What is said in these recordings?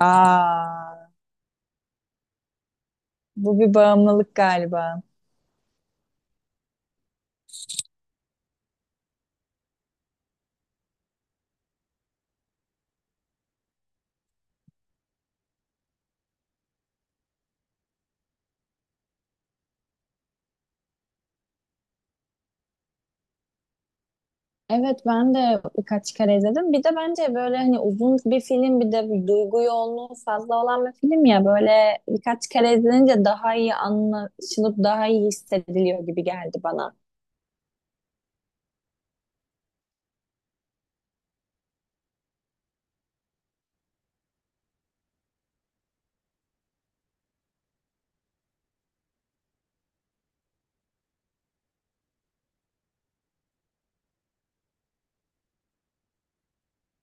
Aa, bu bir bağımlılık galiba. Evet ben de birkaç kere izledim. Bir de bence böyle hani uzun bir film bir de bir duygu yoğunluğu fazla olan bir film ya böyle birkaç kere izlenince daha iyi anlaşılıp daha iyi hissediliyor gibi geldi bana.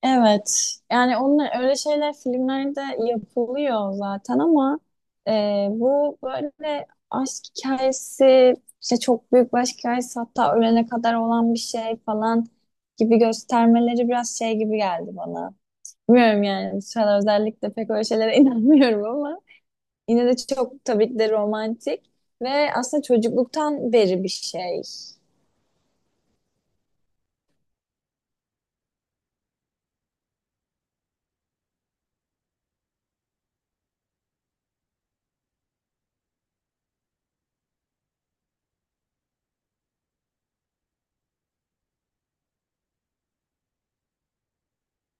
Evet. Yani onlar öyle şeyler filmlerde yapılıyor zaten ama bu böyle aşk hikayesi işte çok büyük bir aşk hikayesi hatta ölene kadar olan bir şey falan gibi göstermeleri biraz şey gibi geldi bana. Bilmiyorum yani bu sıralar özellikle pek öyle şeylere inanmıyorum ama yine de çok tabii ki de romantik ve aslında çocukluktan beri bir şey.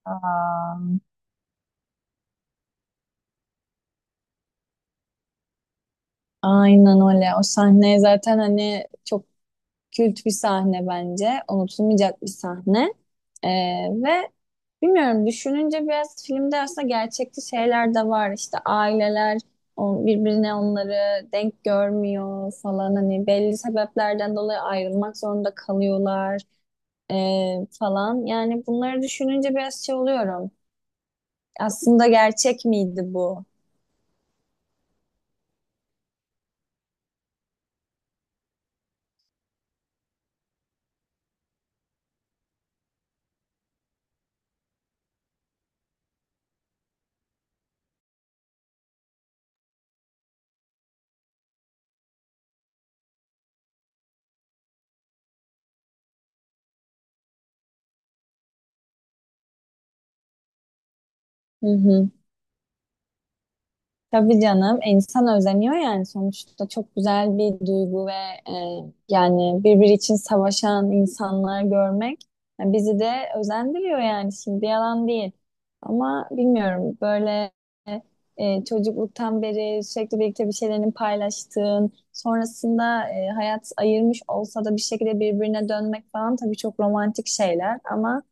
Aa, aynen öyle. O sahneye zaten hani çok kült bir sahne bence. Unutulmayacak bir sahne. Ee, ve bilmiyorum düşününce biraz filmde aslında gerçekçi şeyler de var. İşte aileler birbirine onları denk görmüyor falan. Hani belli sebeplerden dolayı ayrılmak zorunda kalıyorlar falan. Yani bunları düşününce biraz şey oluyorum. Aslında gerçek miydi bu? Hı hı. Tabii canım insan özeniyor yani sonuçta çok güzel bir duygu ve yani birbiri için savaşan insanları görmek yani bizi de özendiriyor yani şimdi yalan değil. Ama bilmiyorum böyle çocukluktan beri sürekli birlikte bir şeylerini paylaştığın sonrasında hayat ayırmış olsa da bir şekilde birbirine dönmek falan tabii çok romantik şeyler ama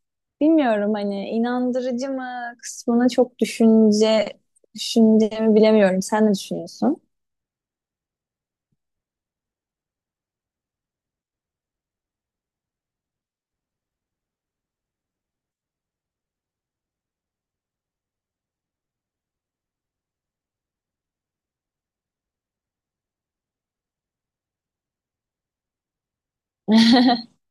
bilmiyorum hani inandırıcı mı kısmını çok düşünce düşüneceğimi bilemiyorum. Sen ne düşünüyorsun?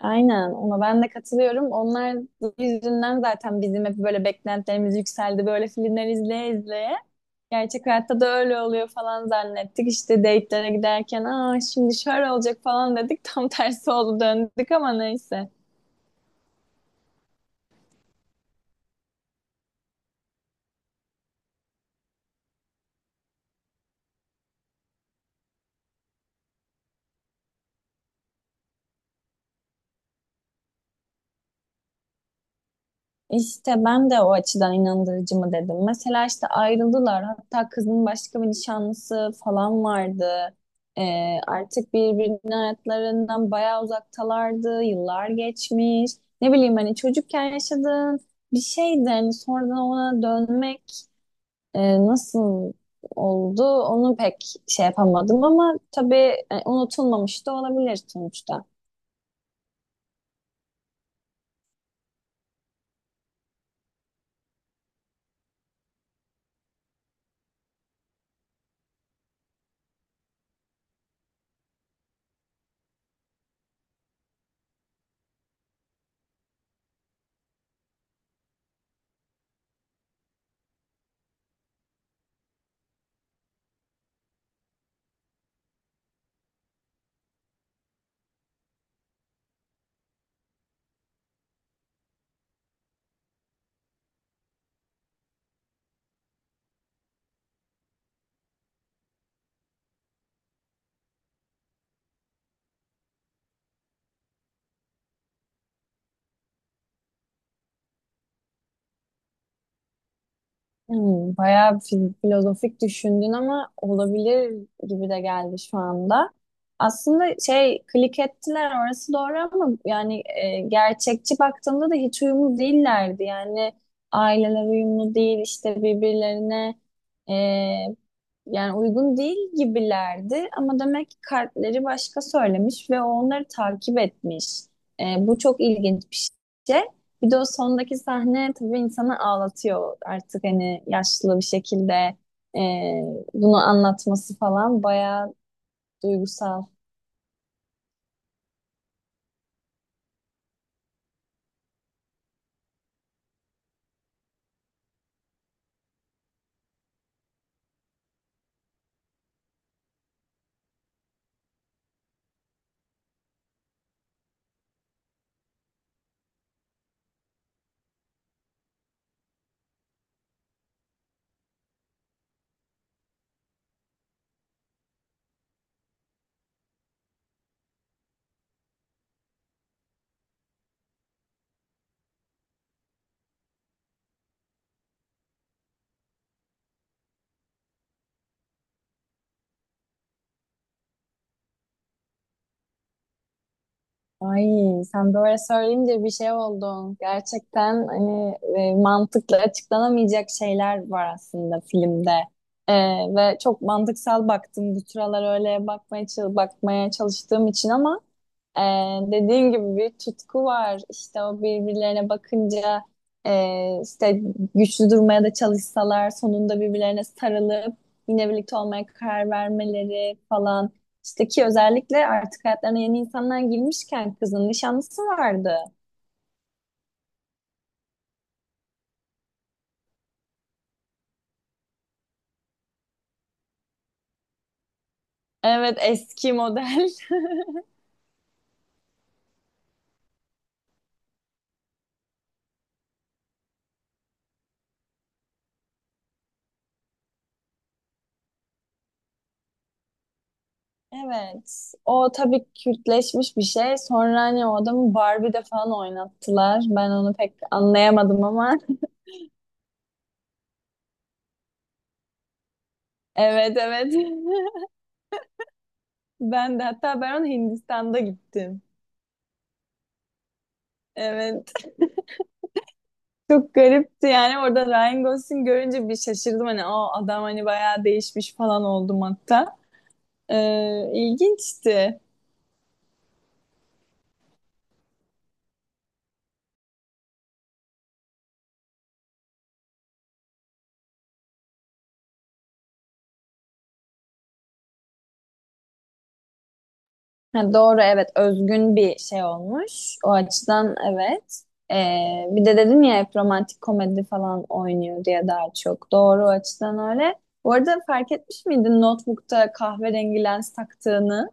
Aynen ona ben de katılıyorum. Onlar yüzünden zaten bizim hep böyle beklentilerimiz yükseldi. Böyle filmler izleye izleye. Gerçek hayatta da öyle oluyor falan zannettik. İşte date'lere giderken aa şimdi şöyle olacak falan dedik. Tam tersi oldu döndük ama neyse. İşte ben de o açıdan inandırıcı mı dedim. Mesela işte ayrıldılar. Hatta kızın başka bir nişanlısı falan vardı. Artık birbirinin hayatlarından bayağı uzaktalardı. Yıllar geçmiş. Ne bileyim hani çocukken yaşadığın bir şeydi. Hani sonradan ona dönmek e, nasıl oldu onu pek şey yapamadım ama tabii unutulmamış da olabilir sonuçta. Hmm, bayağı filozofik düşündün ama olabilir gibi de geldi şu anda. Aslında şey klik ettiler orası doğru ama yani gerçekçi baktığımda da hiç uyumlu değillerdi. Yani aileler uyumlu değil işte birbirlerine e, yani uygun değil gibilerdi. Ama demek ki kalpleri başka söylemiş ve onları takip etmiş. Bu çok ilginç bir şey. Bir de o sondaki sahne tabii insanı ağlatıyor artık hani yaşlı bir şekilde e, bunu anlatması falan bayağı duygusal. Ay sen böyle söyleyince bir şey oldu. Gerçekten hani mantıkla açıklanamayacak şeyler var aslında filmde. E, Ve çok mantıksal baktım. Bu sıralar öyle bakmaya, bakmaya çalıştığım için ama Ee, dediğin gibi bir tutku var. İşte o birbirlerine bakınca işte güçlü durmaya da çalışsalar sonunda birbirlerine sarılıp yine birlikte olmaya karar vermeleri falan. İşte ki özellikle artık hayatlarına yeni insanlar girmişken kızın nişanlısı vardı. Evet, eski model. Evet. O tabii kültleşmiş bir şey. Sonra hani o adamı Barbie'de falan oynattılar. Ben onu pek anlayamadım ama. Evet, evet. Ben de hatta ben onu Hindistan'da gittim. Evet. Çok garipti yani orada Ryan Gosling görünce bir şaşırdım hani o adam hani bayağı değişmiş falan oldum hatta. İlginçti. Ha, doğru evet, özgün bir şey olmuş. O açıdan evet. Ee, bir de dedin ya hep romantik komedi falan oynuyor diye daha çok. Doğru, o açıdan öyle. Bu arada fark etmiş miydin Notebook'ta kahverengi lens taktığını?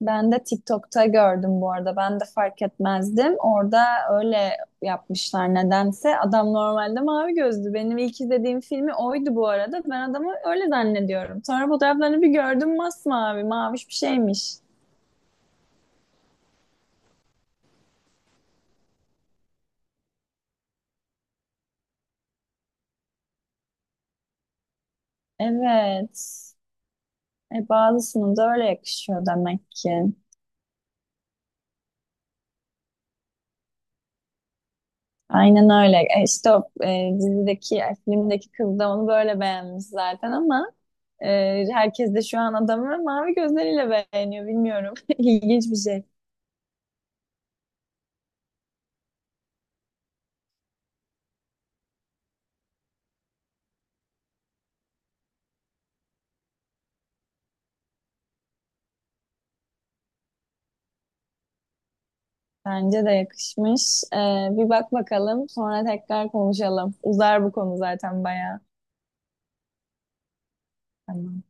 Ben de TikTok'ta gördüm bu arada. Ben de fark etmezdim. Orada öyle yapmışlar nedense. Adam normalde mavi gözlü. Benim ilk izlediğim filmi oydu bu arada. Ben adamı öyle zannediyorum. Sonra fotoğraflarını bir gördüm masmavi, maviş bir şeymiş. Evet. Bazısının da öyle yakışıyor demek ki. Aynen öyle. İşte o dizideki, filmdeki kız da onu böyle beğenmiş zaten ama e, herkes de şu an adamı mavi gözleriyle beğeniyor. Bilmiyorum. İlginç bir şey. Bence de yakışmış. Bir bak bakalım, sonra tekrar konuşalım. Uzar bu konu zaten bayağı. Tamam.